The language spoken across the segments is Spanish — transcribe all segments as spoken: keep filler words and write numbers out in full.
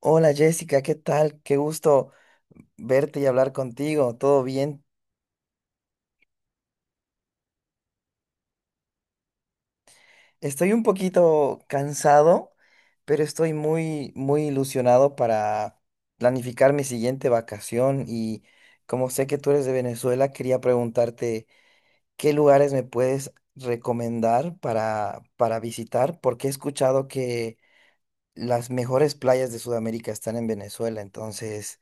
Hola Jessica, ¿qué tal? Qué gusto verte y hablar contigo. ¿Todo bien? Estoy un poquito cansado, pero estoy muy, muy ilusionado para planificar mi siguiente vacación y como sé que tú eres de Venezuela, quería preguntarte qué lugares me puedes recomendar para, para visitar, porque he escuchado que las mejores playas de Sudamérica están en Venezuela, entonces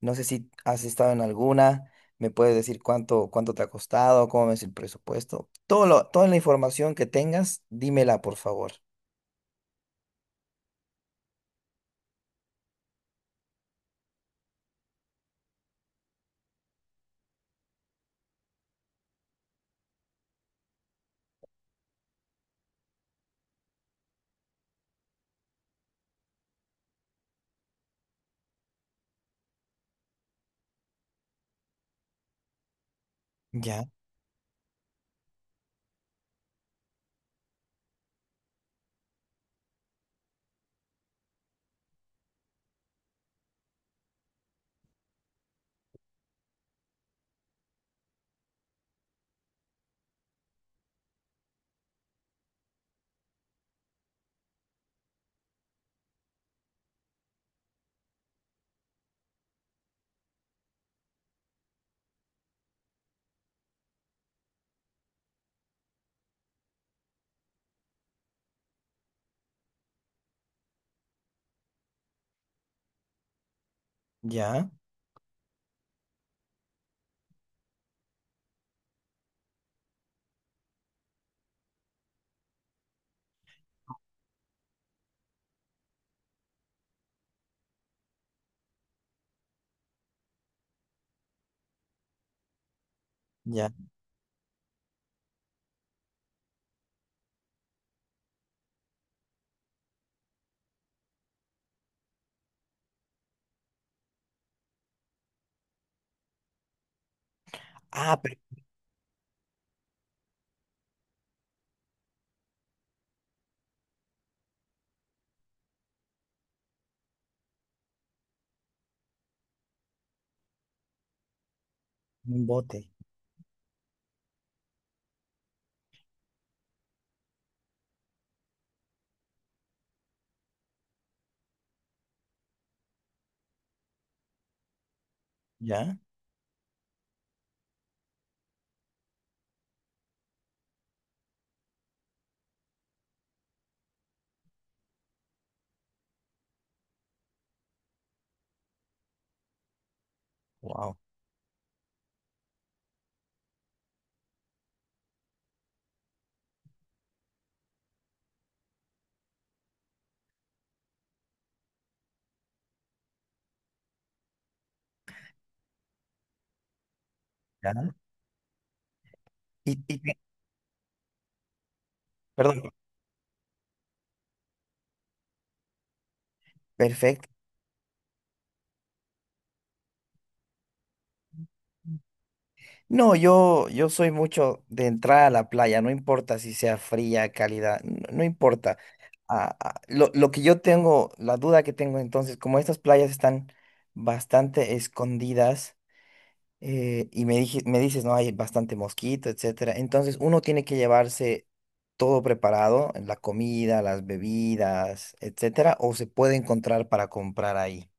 no sé si has estado en alguna, me puedes decir cuánto, cuánto te ha costado, cómo es el presupuesto. Todo lo, toda la información que tengas, dímela, por favor. Ya, ya, ya. Ah, pero un bote. Ya, wow. Ya. Y, y te- perdón, perfecto. No, yo, yo soy mucho de entrar a la playa, no importa si sea fría, cálida, no, no importa. Ah, ah, lo, lo que yo tengo, la duda que tengo entonces, como estas playas están bastante escondidas, eh, y me dije, me dices, no, hay bastante mosquito, etcétera. Entonces uno tiene que llevarse todo preparado, la comida, las bebidas, etcétera, o se puede encontrar para comprar ahí.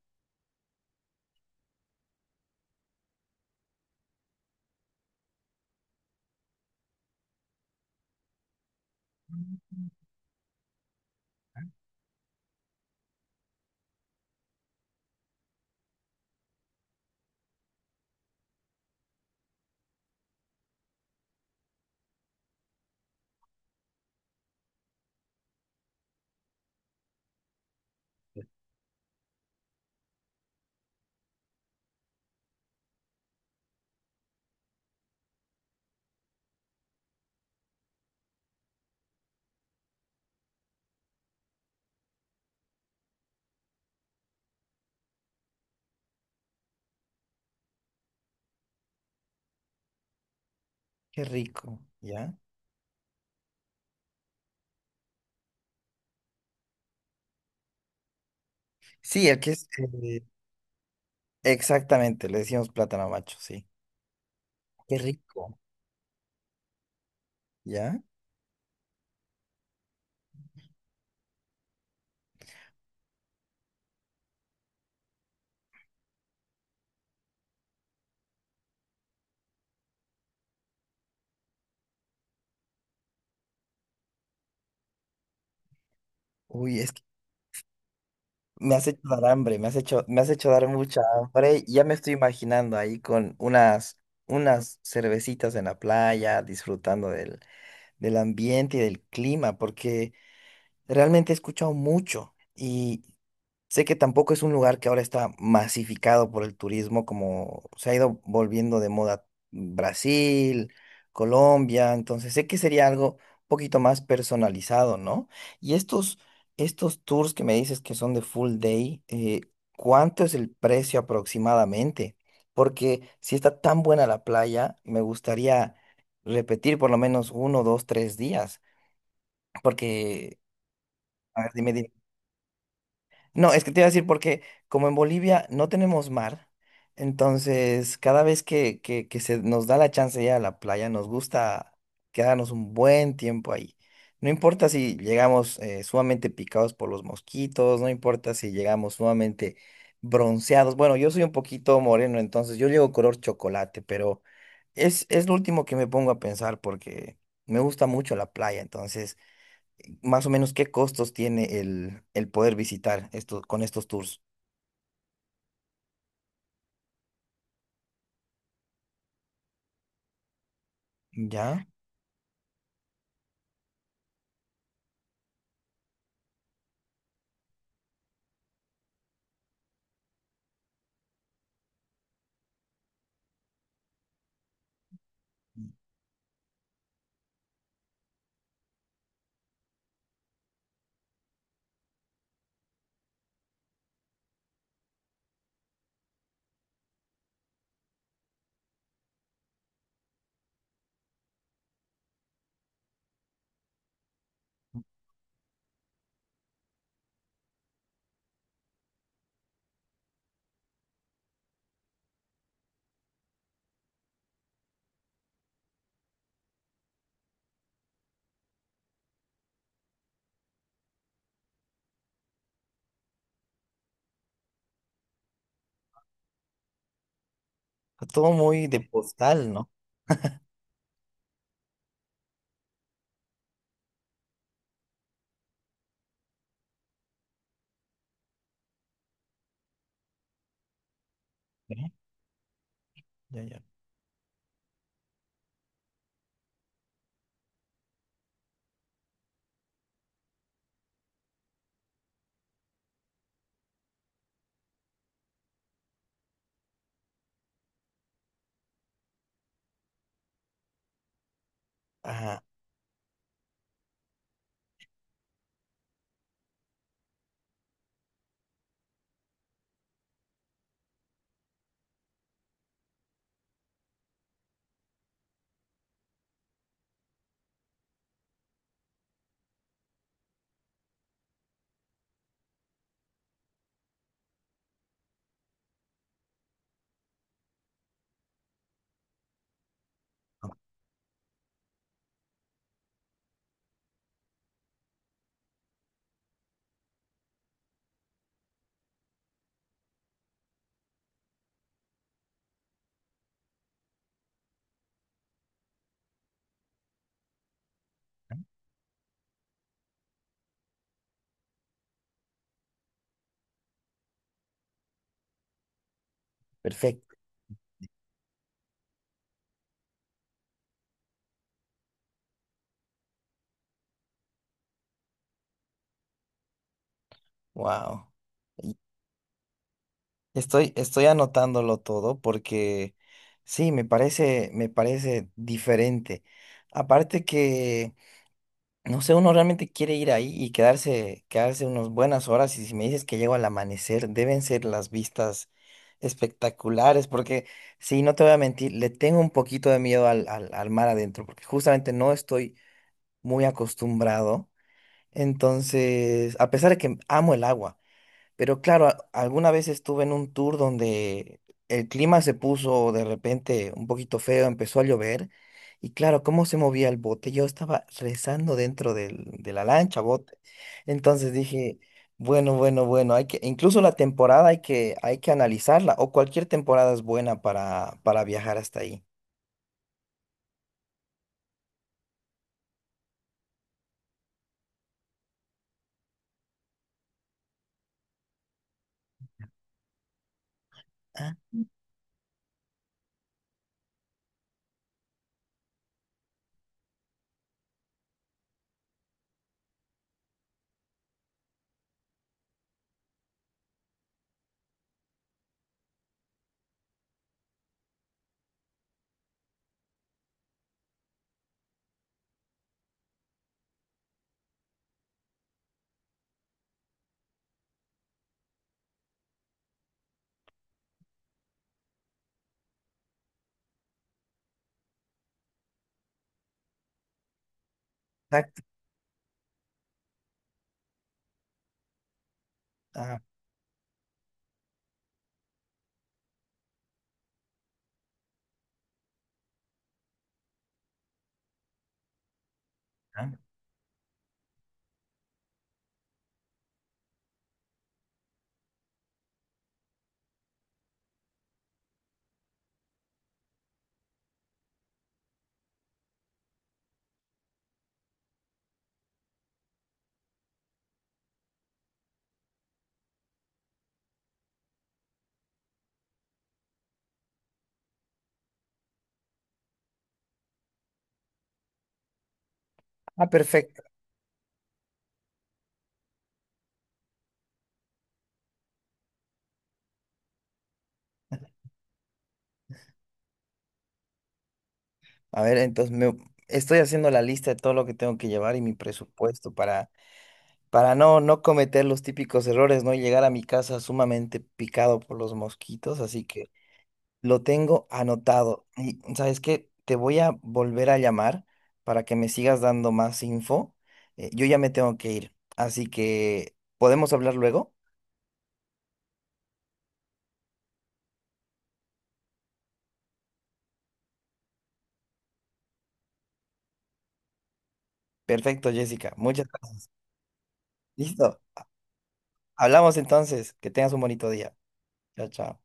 Qué rico, ¿ya? Sí, el que es eh, exactamente, le decimos plátano macho, sí. Qué rico, ¿ya? Uy, es que me has hecho dar hambre, me has hecho, me has hecho dar mucha hambre. Ya me estoy imaginando ahí con unas, unas cervecitas en la playa, disfrutando del del ambiente y del clima, porque realmente he escuchado mucho y sé que tampoco es un lugar que ahora está masificado por el turismo, como se ha ido volviendo de moda Brasil, Colombia, entonces sé que sería algo un poquito más personalizado, ¿no? Y estos, estos tours que me dices que son de full day, eh, ¿cuánto es el precio aproximadamente? Porque si está tan buena la playa, me gustaría repetir por lo menos uno, dos, tres días. Porque, a ver, dime, dime. No, es que te iba a decir porque como en Bolivia no tenemos mar, entonces cada vez que, que, que se nos da la chance de ir a la playa, nos gusta quedarnos un buen tiempo ahí. No importa si llegamos eh, sumamente picados por los mosquitos, no importa si llegamos sumamente bronceados. Bueno, yo soy un poquito moreno, entonces yo llego color chocolate, pero es, es lo último que me pongo a pensar porque me gusta mucho la playa, entonces más o menos qué costos tiene el, el poder visitar esto, con estos tours. Ya, todo muy de postal, ¿no? Ya, ya, ya. Ajá, perfecto. Wow. Estoy, estoy anotándolo todo porque sí, me parece, me parece diferente. Aparte que no sé, uno realmente quiere ir ahí y quedarse, quedarse unas buenas horas. Y si me dices que llego al amanecer, deben ser las vistas espectaculares, porque sí, no te voy a mentir, le tengo un poquito de miedo al, al, al mar adentro, porque justamente no estoy muy acostumbrado. Entonces, a pesar de que amo el agua. Pero claro, a- alguna vez estuve en un tour donde el clima se puso de repente un poquito feo, empezó a llover y claro, cómo se movía el bote. Yo estaba rezando dentro del- de la lancha, bote. Entonces dije, bueno, bueno, bueno, hay que, incluso la temporada hay que, hay que analizarla o cualquier temporada es buena para, para viajar hasta ahí. Ah, exacto. Ah, ah. Ah, perfecto. A ver, entonces me, estoy haciendo la lista de todo lo que tengo que llevar y mi presupuesto para para no, no cometer los típicos errores, ¿no? Y llegar a mi casa sumamente picado por los mosquitos, así que lo tengo anotado. Y ¿sabes qué? Te voy a volver a llamar para que me sigas dando más info. Eh, yo ya me tengo que ir, así que ¿podemos hablar luego? Perfecto, Jessica, muchas gracias. Listo, hablamos entonces, que tengas un bonito día. Chao, chao.